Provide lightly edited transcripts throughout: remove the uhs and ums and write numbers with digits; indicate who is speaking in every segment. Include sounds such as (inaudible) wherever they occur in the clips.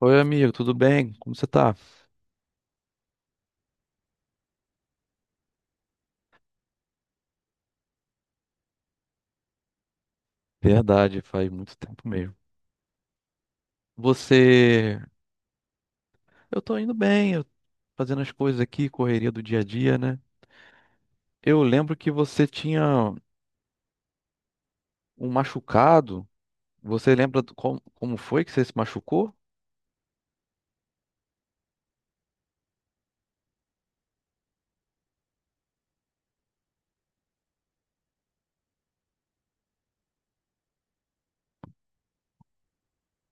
Speaker 1: Oi, amigo, tudo bem? Como você tá? Verdade, faz muito tempo mesmo. Você. Eu tô indo bem, eu- Fazendo as coisas aqui, correria do dia a dia, né? Eu lembro que você tinha um machucado. Você lembra como foi que você se machucou?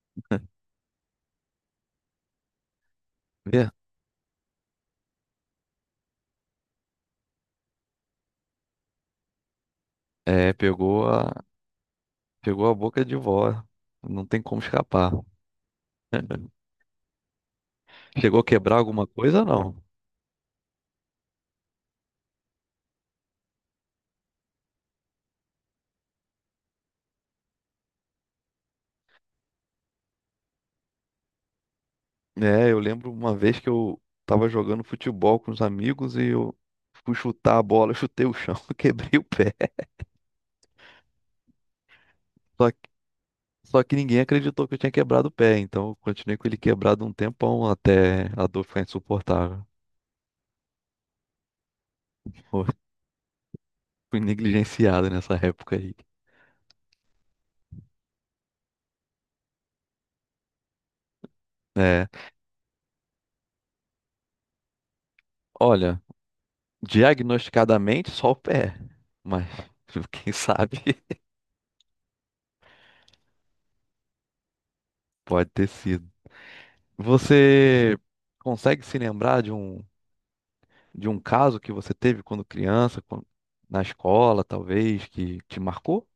Speaker 1: (laughs) Vê? É, pegou a... Pegou a boca de vó. Não tem como escapar. (laughs) Chegou a quebrar alguma coisa, não? É, eu lembro uma vez que eu tava jogando futebol com os amigos e eu fui chutar a bola, eu chutei o chão, (laughs) quebrei o pé. Só que, só que ninguém acreditou que eu tinha quebrado o pé, então eu continuei com ele quebrado um tempão até a dor ficar insuportável. (laughs) Pô, fui negligenciado nessa época aí. É, olha, diagnosticadamente só o pé, mas (laughs) quem sabe (laughs) pode ter sido. Você consegue se lembrar de um caso que você teve quando na escola, talvez, que te marcou?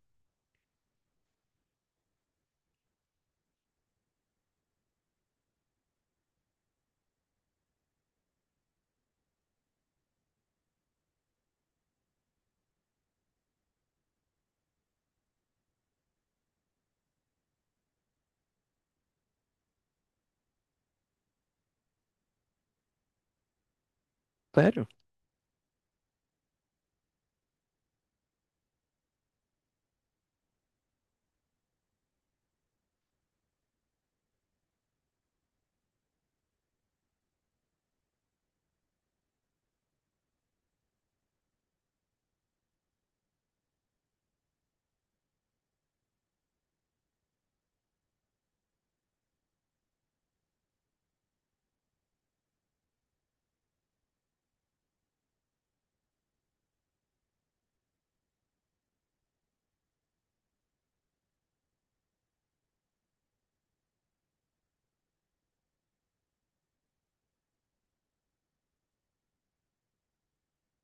Speaker 1: Sério?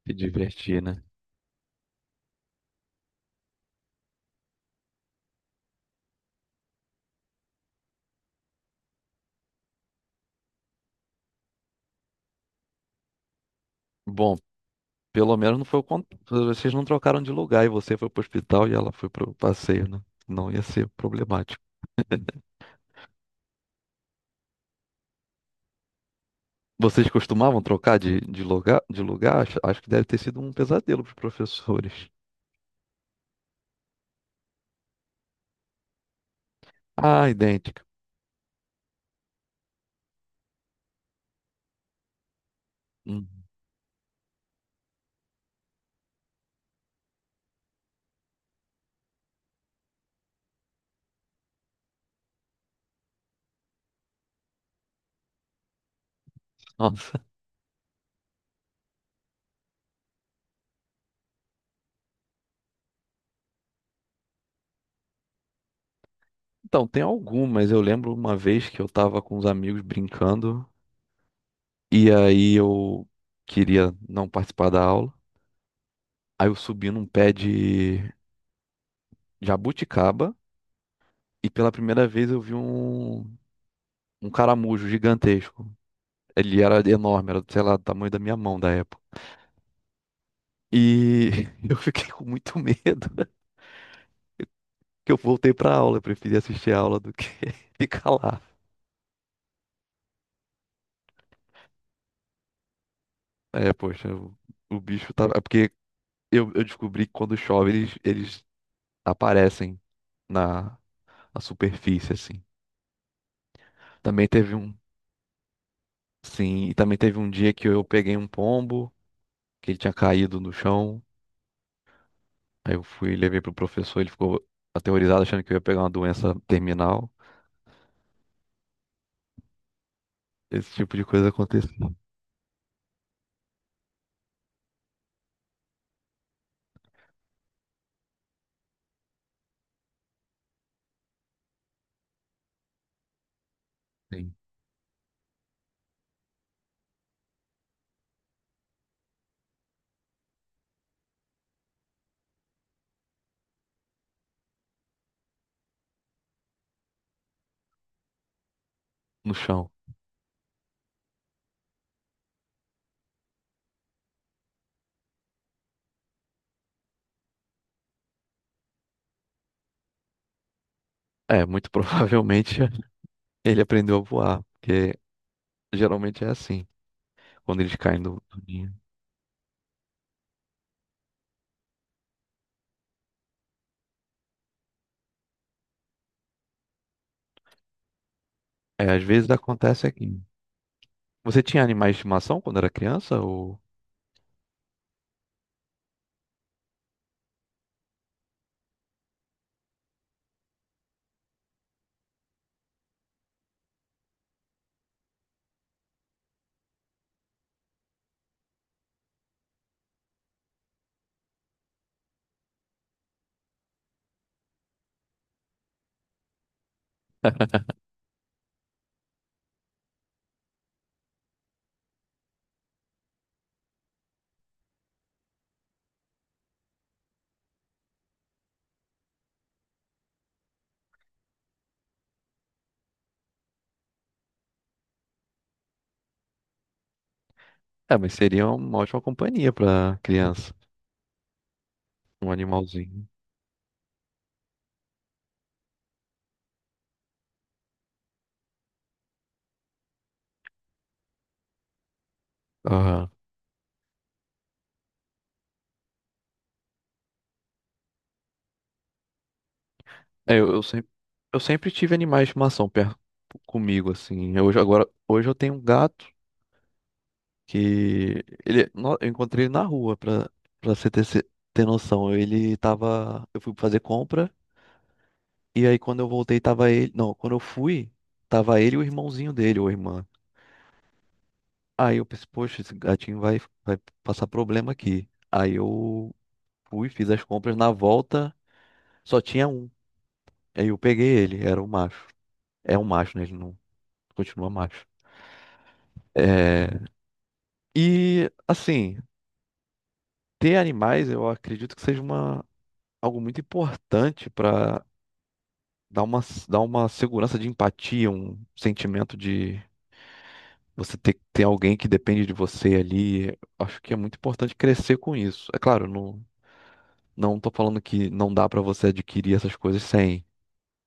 Speaker 1: Se divertir, né? Bom, pelo menos não foi o contrário. Vocês não trocaram de lugar e você foi pro hospital e ela foi pro passeio, né? Não ia ser problemático. Vocês costumavam trocar de lugar? Acho, acho que deve ter sido um pesadelo para os professores. Ah, idêntica. Hum. Nossa. Então, tem algumas. Eu lembro uma vez que eu estava com os amigos brincando e aí eu queria não participar da aula. Aí eu subi num pé de jabuticaba e pela primeira vez eu vi um caramujo gigantesco. Ele era enorme, era, sei lá, do tamanho da minha mão da época. E (laughs) eu fiquei com muito medo (laughs) que eu voltei pra aula. Eu preferi assistir a aula do que (laughs) ficar lá. É, poxa, o bicho tava. É porque eu descobri que quando chove eles aparecem na, na superfície, assim. Também teve um. Sim, e também teve um dia que eu peguei um pombo, que ele tinha caído no chão. Aí eu fui e levei pro professor, ele ficou aterrorizado achando que eu ia pegar uma doença terminal. Esse tipo de coisa aconteceu assim, no chão. É, muito provavelmente (laughs) ele aprendeu a voar, porque geralmente é assim, quando eles caem do ninho. É, às vezes acontece aqui. Você tinha animais de estimação quando era criança? Ou... É, mas seria uma ótima companhia pra criança, um animalzinho. Aham. É, eu, eu sempre, eu sempre tive animais de estimação perto comigo, assim. Eu, hoje, agora, hoje eu tenho um gato que ele, eu encontrei ele na rua, pra você ter, ter noção. Ele tava. Eu fui fazer compra, e aí quando eu voltei, tava ele. Não, quando eu fui, tava ele e o irmãozinho dele, ou irmã. Aí eu pensei, poxa, esse gatinho vai passar problema aqui. Aí eu fui, fiz as compras na volta, só tinha um. Aí eu peguei ele, era um macho. É um macho, né? Ele não continua macho. É, e assim, ter animais eu acredito que seja uma, algo muito importante para dá uma, dá uma segurança de empatia, um sentimento de você ter, que ter alguém que depende de você ali. Acho que é muito importante crescer com isso. É claro, não, não tô falando que não dá pra você adquirir essas coisas sem,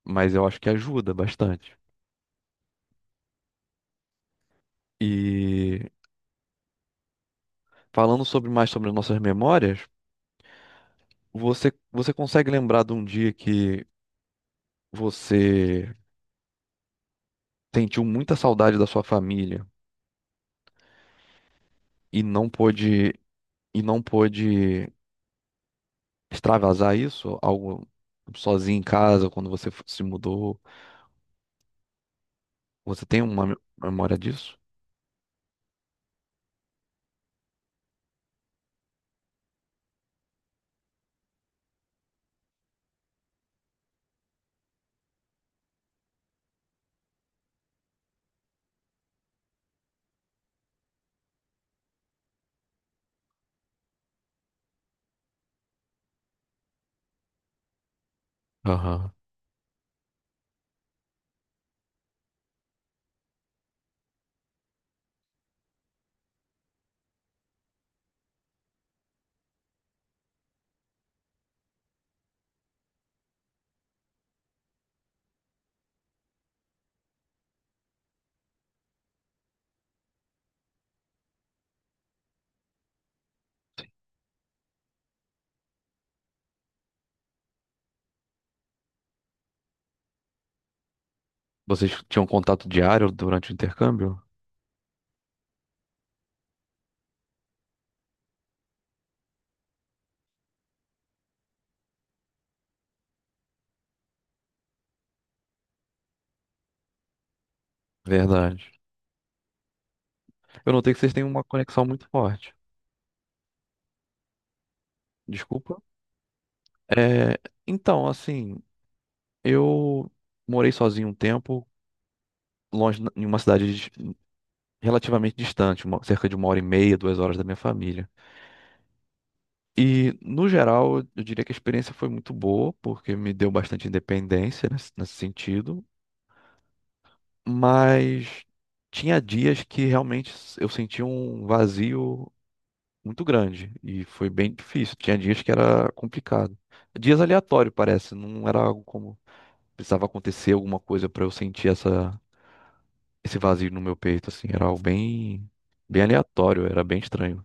Speaker 1: mas eu acho que ajuda bastante. E falando sobre mais sobre as nossas memórias, você, você consegue lembrar de um dia que você sentiu muita saudade da sua família e não pôde, e não pôde extravasar isso, algo sozinho em casa, quando você se mudou? Você tem uma memória disso? Aham. Vocês tinham contato diário durante o intercâmbio? Verdade. Eu notei que vocês têm uma conexão muito forte. Desculpa. É, então, assim, eu morei sozinho um tempo, longe, em uma cidade relativamente distante, cerca de uma hora e meia, duas horas da minha família. E, no geral, eu diria que a experiência foi muito boa, porque me deu bastante independência nesse sentido. Mas tinha dias que realmente eu sentia um vazio muito grande e foi bem difícil. Tinha dias que era complicado. Dias aleatório, parece, não era algo como precisava acontecer alguma coisa para eu sentir essa esse vazio no meu peito assim, era algo bem bem aleatório, era bem estranho,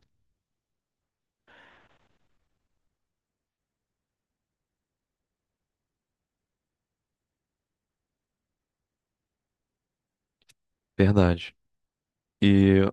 Speaker 1: verdade. E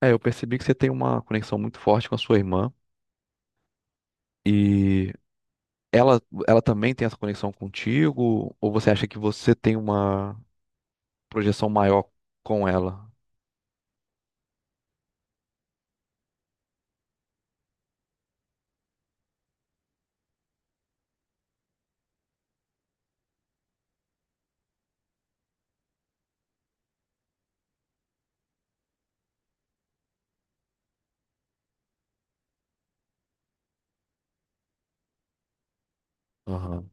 Speaker 1: é, eu percebi que você tem uma conexão muito forte com a sua irmã e Ela, ela também tem essa conexão contigo? Ou você acha que você tem uma projeção maior com ela. Aham.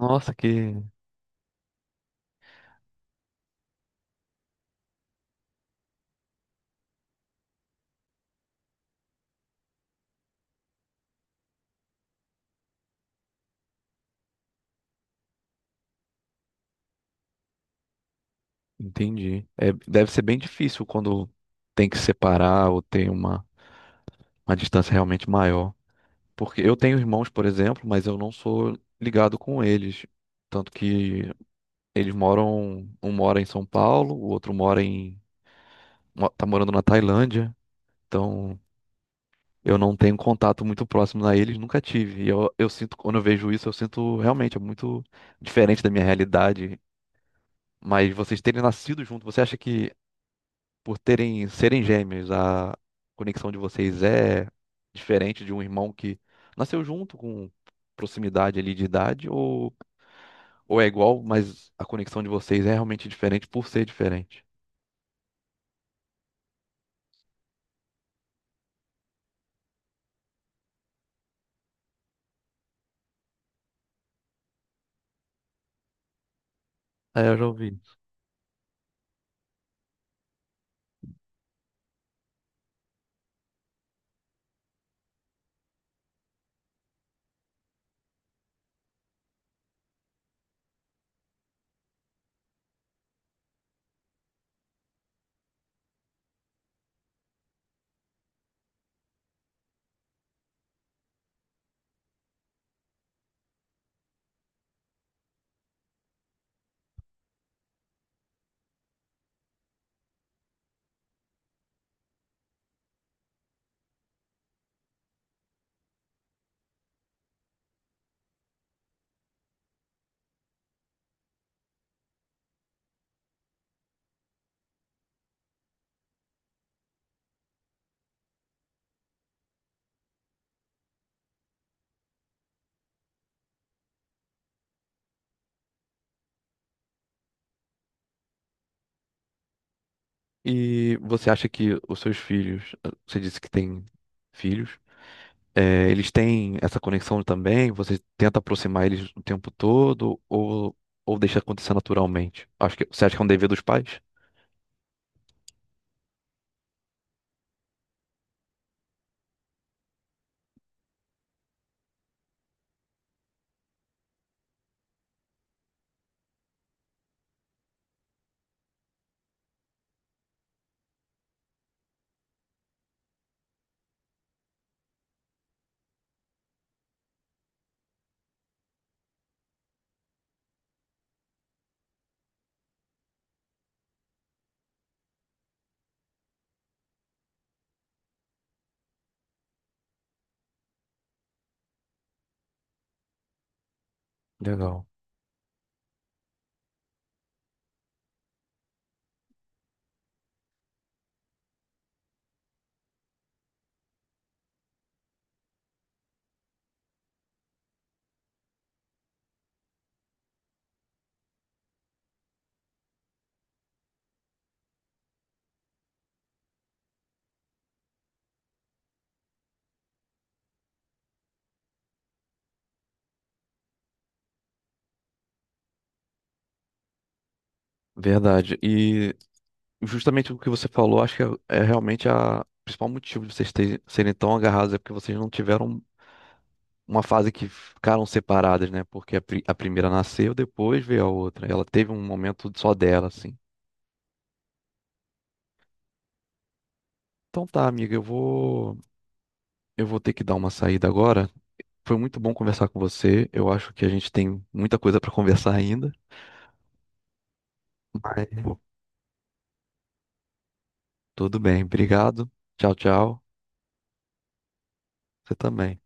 Speaker 1: Nossa, que. Entendi. É, deve ser bem difícil quando tem que separar ou tem uma distância realmente maior. Porque eu tenho irmãos, por exemplo, mas eu não sou ligado com eles. Tanto que eles moram. Um mora em São Paulo, o outro mora em. Tá morando na Tailândia. Então eu não tenho contato muito próximo a eles, nunca tive. E eu sinto, quando eu vejo isso, eu sinto realmente é muito diferente da minha realidade. Mas vocês terem nascido junto, você acha que por terem serem gêmeos, a conexão de vocês é diferente de um irmão que nasceu junto com proximidade ali de idade ou é igual, mas a conexão de vocês é realmente diferente por ser diferente? É, eu já ouvi. E você acha que os seus filhos, você disse que tem filhos, é, eles têm essa conexão também? Você tenta aproximar eles o tempo todo ou deixa acontecer naturalmente? Acho que, você acha que é um dever dos pais? Legal, verdade. E justamente o que você falou, acho que é realmente a o principal motivo de serem tão agarrados é porque vocês não tiveram uma fase que ficaram separadas, né? Porque a primeira nasceu, depois veio a outra. Ela teve um momento só dela, assim. Então tá, amiga, eu vou ter que dar uma saída agora. Foi muito bom conversar com você. Eu acho que a gente tem muita coisa para conversar ainda. Mas, pô, tudo bem. Obrigado. Tchau, tchau. Você também.